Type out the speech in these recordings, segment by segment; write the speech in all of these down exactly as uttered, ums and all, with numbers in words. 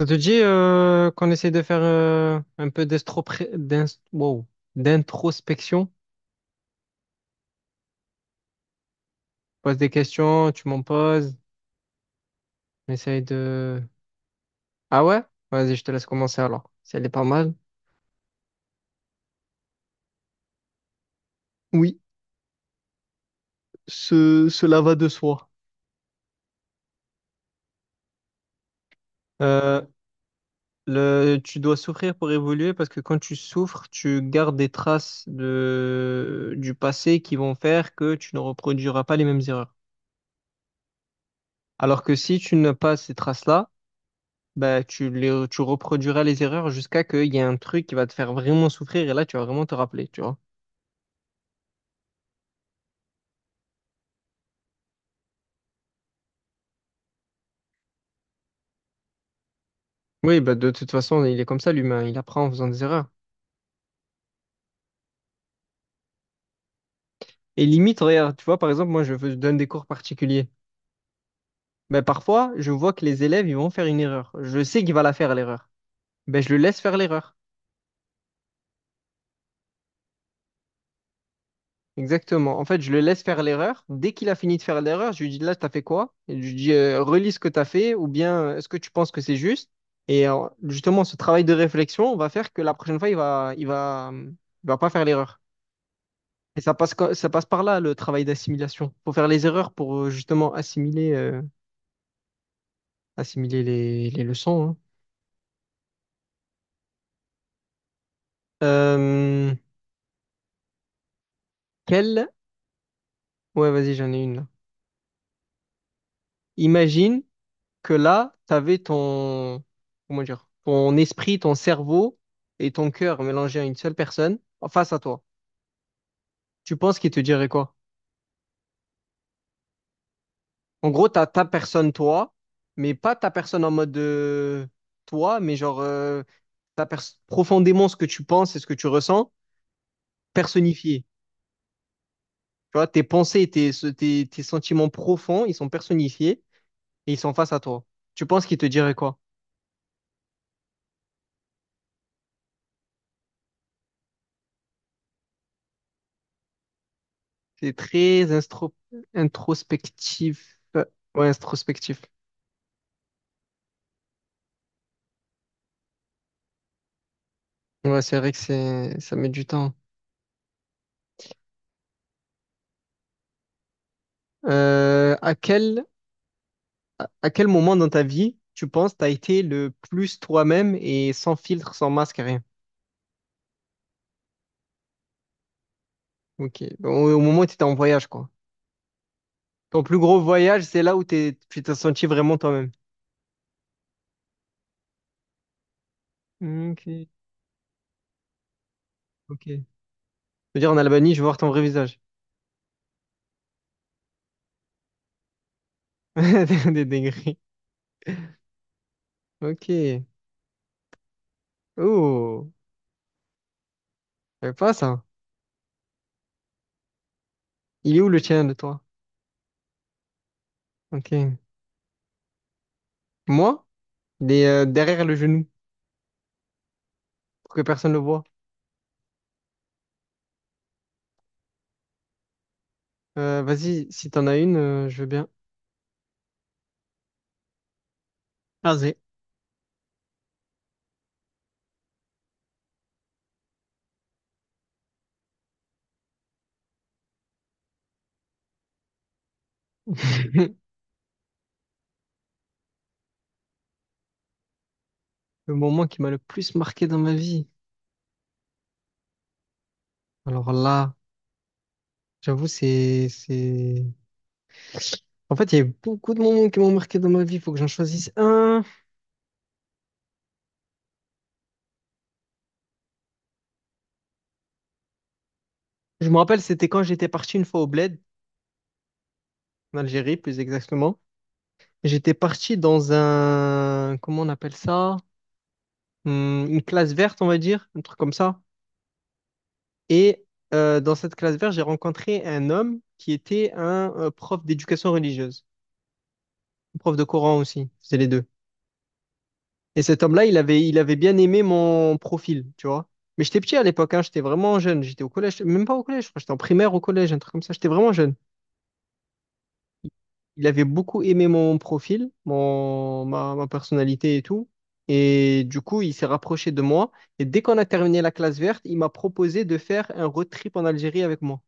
Ça te dit euh, qu'on essaie de faire euh, un peu d'estropré- d'ins- wow, d'introspection? Je pose des questions, tu m'en poses, on essaye de... Ah ouais? Vas-y, je te laisse commencer alors. Si elle est pas mal. Oui, ce, cela va de soi. Euh, le, Tu dois souffrir pour évoluer parce que quand tu souffres, tu gardes des traces de, du passé qui vont faire que tu ne reproduiras pas les mêmes erreurs. Alors que si tu n'as pas ces traces-là, bah, tu les, tu reproduiras les erreurs jusqu'à qu'il y ait un truc qui va te faire vraiment souffrir et là, tu vas vraiment te rappeler, tu vois. Oui, bah, de toute façon, il est comme ça, l'humain. Il apprend en faisant des erreurs. Et limite, regarde, tu vois, par exemple, moi, je veux- je donne des cours particuliers. Bah, parfois, je vois que les élèves, ils vont faire une erreur. Je sais qu'il va la faire, l'erreur. Bah, je le laisse faire l'erreur. Exactement. En fait, je le laisse faire l'erreur. Dès qu'il a fini de faire l'erreur, je lui dis là, t'as fait quoi? Et je lui dis euh, relis ce que t'as fait ou bien euh, est-ce que tu penses que c'est juste? Et euh, justement, ce travail de réflexion va faire que la prochaine fois, il va, il va, euh, il va pas faire l'erreur. Et ça passe, co- ça passe par là, le travail d'assimilation. Faut faire les erreurs pour euh, justement assimiler, euh, assimiler les, les leçons, hein. Euh, quelle... Ouais, vas-y, j'en ai une là. Imagine que là, tu avais ton, comment dire, ton esprit, ton cerveau et ton cœur mélangés à une seule personne en face à toi, tu penses qu'il te dirait quoi? En gros, tu as ta personne, toi, mais pas ta personne en mode euh, toi, mais genre euh, ta pers- profondément ce que tu penses et ce que tu ressens, personnifié. Tu vois, tes pensées et tes, ce- tes, tes sentiments profonds, ils sont personnifiés et ils sont face à toi. Tu penses qu'il te dirait quoi? C'est très instro- Introspectif. euh, Ouais, introspectif. Ouais, c'est vrai que c'est, ça met du temps. Euh, à quel, à à quel moment dans ta vie, tu penses, t'as été le plus toi-même et sans filtre, sans masque, rien? Ok. Au, au moment où t'étais en voyage, quoi. Ton plus gros voyage, c'est là où t'es, tu t'es senti vraiment toi-même. Ok. Ok. Je veux dire, en Albanie, je vais voir ton vrai visage. Des des degrés. Ok. Oh. Je pas ça. Il est où le tien de toi? Ok. Moi? Il est euh, derrière le genou pour que personne le voit. Euh, vas-y, si t'en as une, euh, je veux bien. Ah, c'est le moment qui m'a le plus marqué dans ma vie. Alors là, j'avoue, c'est, c'est... En fait, il y a eu beaucoup de moments qui m'ont marqué dans ma vie. Il faut que j'en choisisse un. Je me rappelle, c'était quand j'étais parti une fois au Bled, en Algérie, plus exactement. J'étais parti dans un... Comment on appelle ça? Hum, Une classe verte, on va dire, un truc comme ça. Et euh, dans cette classe verte, j'ai rencontré un homme qui était un euh, prof d'éducation religieuse, prof de Coran aussi. C'est les deux. Et cet homme-là, il avait, il avait bien aimé mon profil, tu vois. Mais j'étais petit à l'époque, hein, j'étais vraiment jeune. J'étais au collège, même pas au collège, je crois, j'étais en primaire, au collège, un truc comme ça. J'étais vraiment jeune. Il avait beaucoup aimé mon profil, mon, ma, ma personnalité et tout. Et du coup, il s'est rapproché de moi. Et dès qu'on a terminé la classe verte, il m'a proposé de faire un road trip en Algérie avec moi.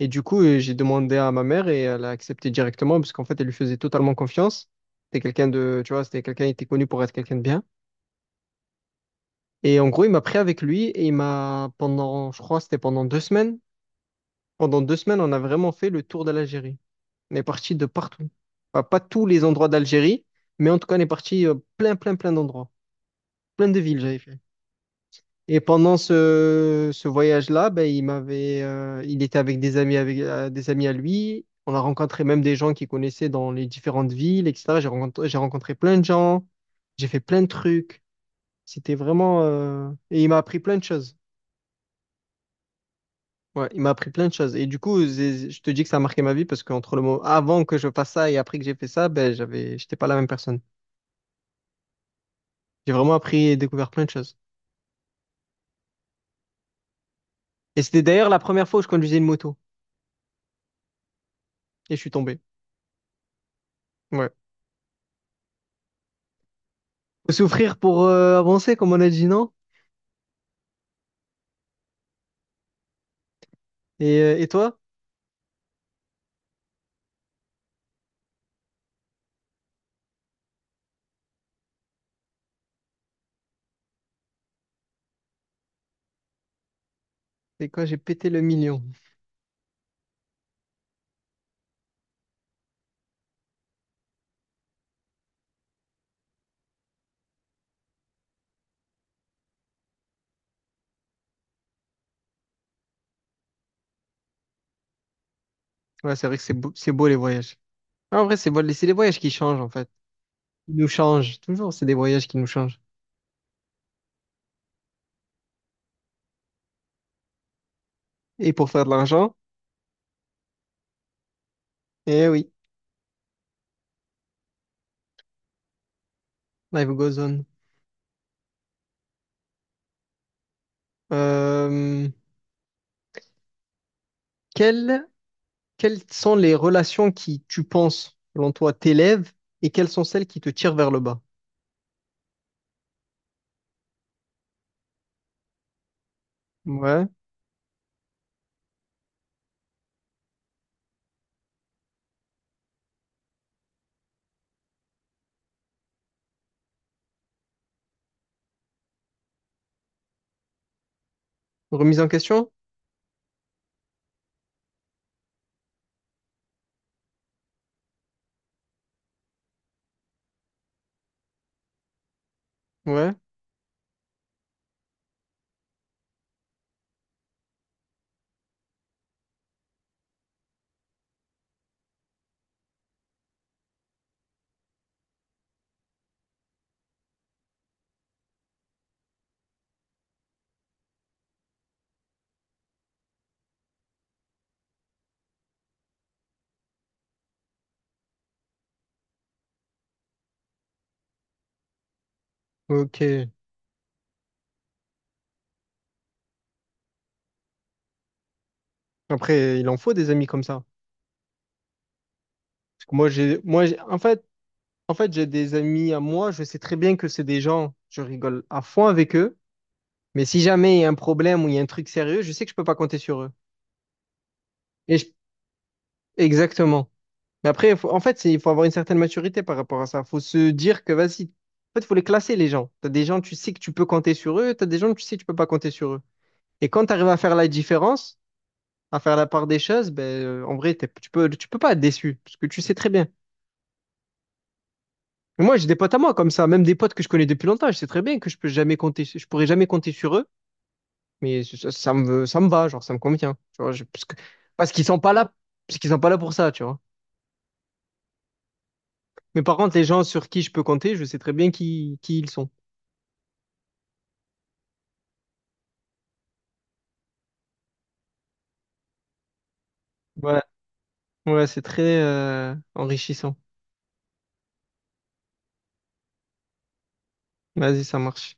Et du coup, euh, j'ai demandé à ma mère et elle a accepté directement parce qu'en fait, elle lui faisait totalement confiance. C'était quelqu'un de, tu vois, c'était quelqu'un, il était connu pour être quelqu'un de bien. Et en gros, il m'a pris avec lui et il m'a, pendant, je crois, c'était pendant deux semaines. Pendant deux semaines, on a vraiment fait le tour de l'Algérie. On est parti de partout. Enfin, pas tous les endroits d'Algérie, mais en tout cas, on est parti euh, plein, plein, plein d'endroits. Plein de villes, j'avais fait. Et pendant ce, ce voyage-là, ben, il m'avait, euh, il était avec des amis, avec, euh, des amis à lui. On a rencontré même des gens qu'il connaissait dans les différentes villes, et cetera. J'ai rencontré, j'ai rencontré plein de gens. J'ai fait plein de trucs. C'était vraiment, euh, et il m'a appris plein de choses. Ouais, il m'a appris plein de choses. Et du coup, j'ai- je te dis que ça a marqué ma vie parce qu'entre le moment avant que je fasse ça et après que j'ai fait ça, ben, j'avais, j'étais pas la même personne. J'ai vraiment appris et découvert plein de choses. Et c'était d'ailleurs la première fois où je conduisais une moto et je suis tombé. Ouais. Faut souffrir pour euh, avancer, comme on a dit, non? Et, euh, et toi? C'est quand j'ai pété le million. Ouais, c'est vrai que c'est beau, c'est beau les voyages. Ah, en vrai, c'est beau, c'est les voyages qui changent en fait. Ils nous changent. Toujours, c'est des voyages qui nous changent. Et pour faire de l'argent, eh oui, life goes on. Euh, quel Quelles sont les relations qui, tu penses, selon toi, t'élèvent et quelles sont celles qui te tirent vers le bas? Ouais. Remise en question? Ouais. Ok. Après, il en faut des amis comme ça. Parce que moi, j'ai, moi, j'ai- en fait, en fait, j'ai des amis à moi. Je sais très bien que c'est des gens, je rigole à fond avec eux. Mais si jamais il y a un problème ou il y a un truc sérieux, je sais que je peux pas compter sur eux. Et je- Exactement. Mais après, faut- en fait, c'est- il faut avoir une certaine maturité par rapport à ça. Faut se dire que, vas-y, en fait, il faut les classer, les gens. T'as des gens, tu sais que tu peux compter sur eux, t'as des gens, tu sais que tu peux pas compter sur eux. Et quand tu arrives à faire la différence, à faire la part des choses, ben, euh, en vrai, t'es- tu peux, tu peux pas être déçu, parce que tu sais très bien. Et moi, j'ai des potes à moi comme ça, même des potes que je connais depuis longtemps, je sais très bien que je peux jamais compter, je pourrais jamais compter sur eux, mais ça, ça me, ça me va, genre, ça me convient. Tu vois, je- parce que, parce qu'ils sont pas là, parce qu'ils sont pas là pour ça, tu vois. Mais par contre, les gens sur qui je peux compter, je sais très bien qui, qui ils sont. Ouais. Ouais, c'est très euh, enrichissant. Vas-y, ça marche.